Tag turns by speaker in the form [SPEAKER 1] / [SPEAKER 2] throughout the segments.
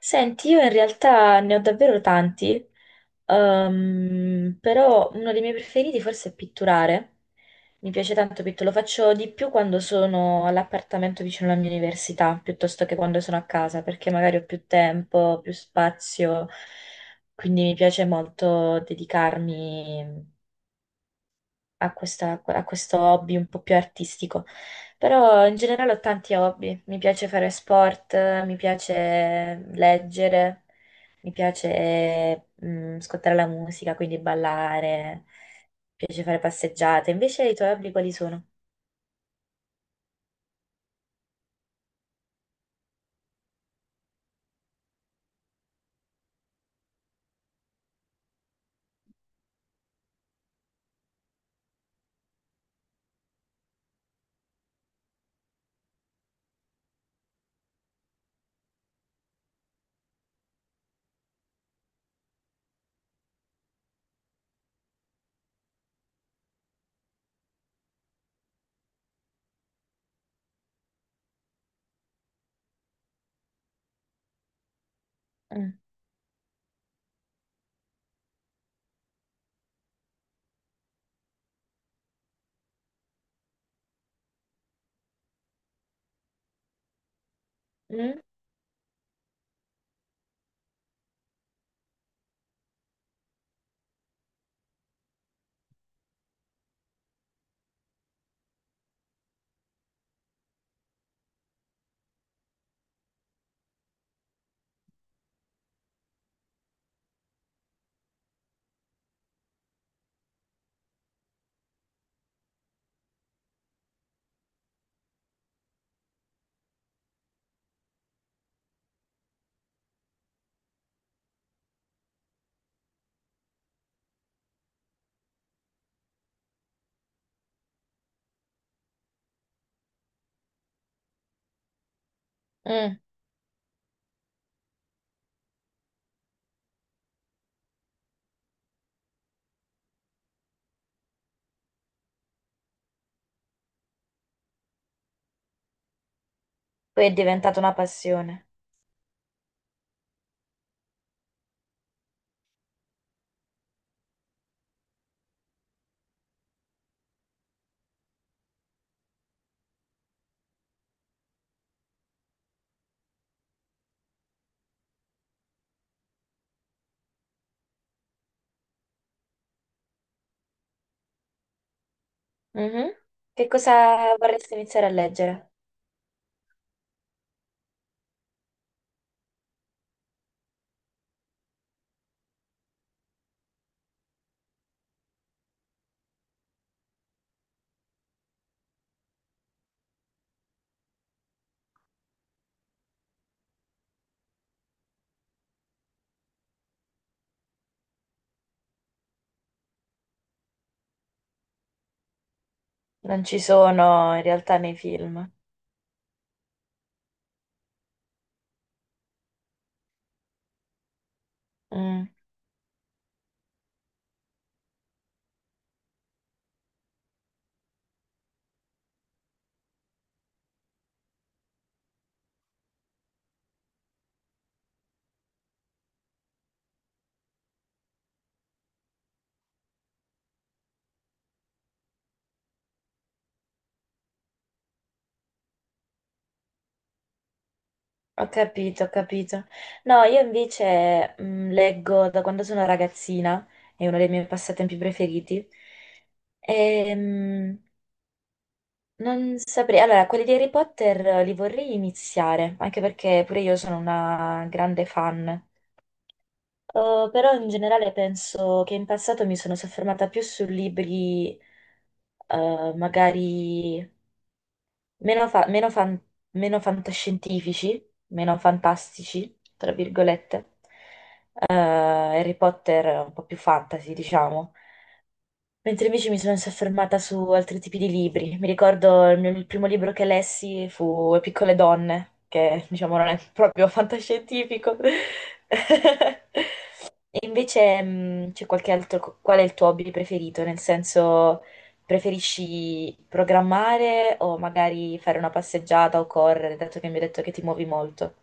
[SPEAKER 1] Senti, io in realtà ne ho davvero tanti, però uno dei miei preferiti forse è pitturare. Mi piace tanto pitturare, lo faccio di più quando sono all'appartamento vicino alla mia università, piuttosto che quando sono a casa, perché magari ho più tempo, più spazio, quindi mi piace molto dedicarmi a questo hobby un po' più artistico. Però in generale ho tanti hobby, mi piace fare sport, mi piace leggere, mi piace ascoltare la musica, quindi ballare, mi piace fare passeggiate. Invece i tuoi hobby quali sono? Mm. Mm? Mm. Poi è diventata una passione. Mhm. Che cosa vorresti iniziare a leggere? Non ci sono in realtà nei film. Mm. Ho capito, ho capito. No, io invece leggo da quando sono ragazzina, è uno dei miei passatempi preferiti. Ehm, non saprei. Allora, quelli di Harry Potter li vorrei iniziare, anche perché pure io sono una grande fan. Oh, però in generale penso che in passato mi sono soffermata più su libri magari meno, fa- meno fan- meno fantascientifici, meno fantastici, tra virgolette. Harry Potter un po' più fantasy, diciamo. Mentre invece mi sono soffermata su altri tipi di libri. Mi ricordo il primo libro che lessi fu Piccole donne, che diciamo non è proprio fantascientifico. E invece c'è qualche altro, qual è il tuo hobby preferito? Nel senso, preferisci programmare o magari fare una passeggiata o correre, dato che mi hai detto che ti muovi molto?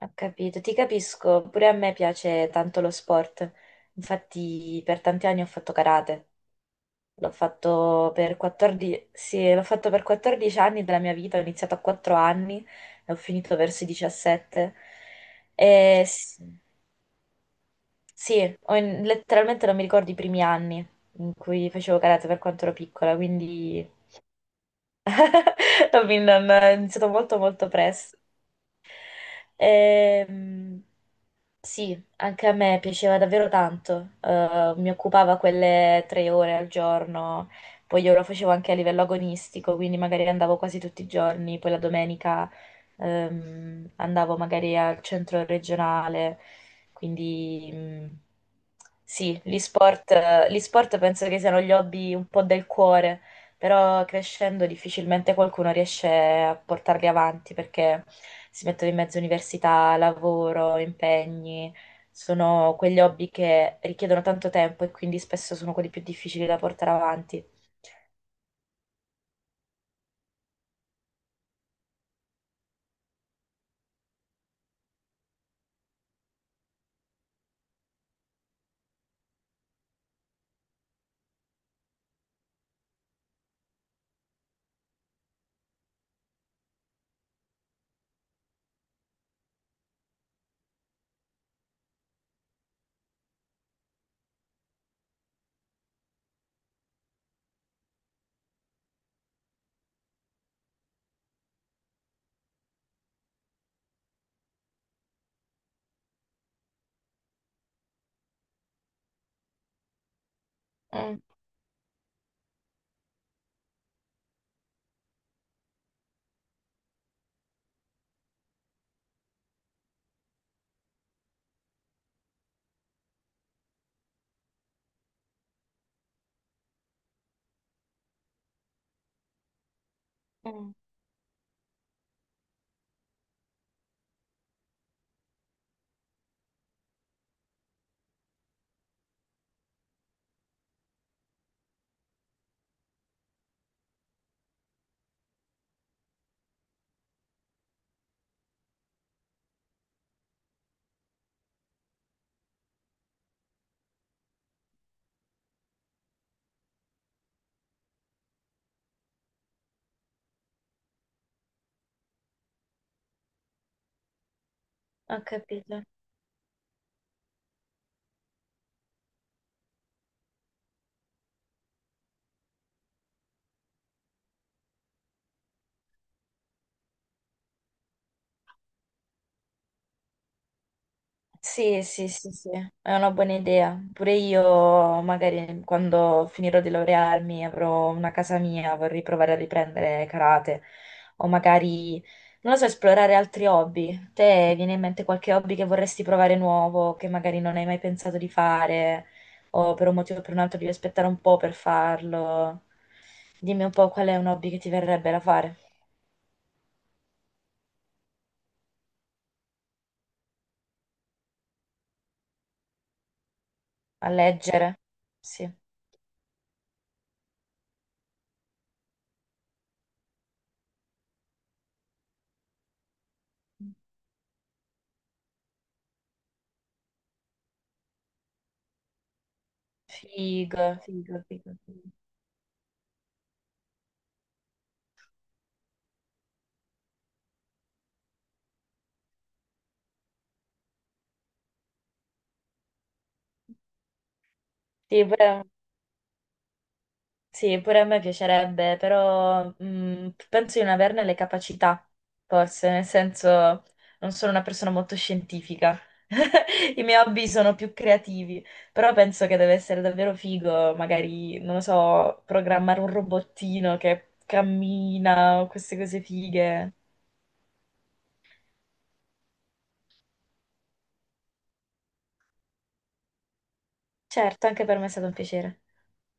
[SPEAKER 1] Ho capito, ti capisco, pure a me piace tanto lo sport, infatti per tanti anni ho fatto karate, l'ho fatto per 14, sì, l'ho fatto per 14 anni della mia vita, ho iniziato a 4 anni e ho finito verso i 17. E s- sì, letteralmente non mi ricordo i primi anni in cui facevo karate per quanto ero piccola, quindi ho iniziato molto molto presto. Ehm, Sì, anche a me piaceva davvero tanto. Mi occupava quelle 3 ore al giorno, poi io lo facevo anche a livello agonistico, quindi magari andavo quasi tutti i giorni, poi la domenica andavo magari al centro regionale, quindi sì, gli sport penso che siano gli hobby un po' del cuore però crescendo difficilmente qualcuno riesce a portarli avanti perché si mettono in mezzo università, lavoro, impegni, sono quegli hobby che richiedono tanto tempo e quindi spesso sono quelli più difficili da portare avanti. Mm, mm. Ho capito. Sì, sì, sì, sì, è una buona idea. Pure io, magari quando finirò di laurearmi, avrò una casa mia, vorrei provare a riprendere karate o magari, non lo so, esplorare altri hobby. Te viene in mente qualche hobby che vorresti provare nuovo, che magari non hai mai pensato di fare, o per un motivo o per un altro devi aspettare un po' per farlo? Dimmi un po' qual è un hobby che ti verrebbe da fare. A leggere? Sì. Figo, figo, figo, figo. Sì, pure Sì, pure a me piacerebbe, però mm, penso di non averne le capacità, forse, nel senso non sono una persona molto scientifica. I miei hobby sono più creativi, però penso che deve essere davvero figo, magari, non lo so, programmare un robottino che cammina o queste cose fighe. Certo, anche per me è stato un piacere.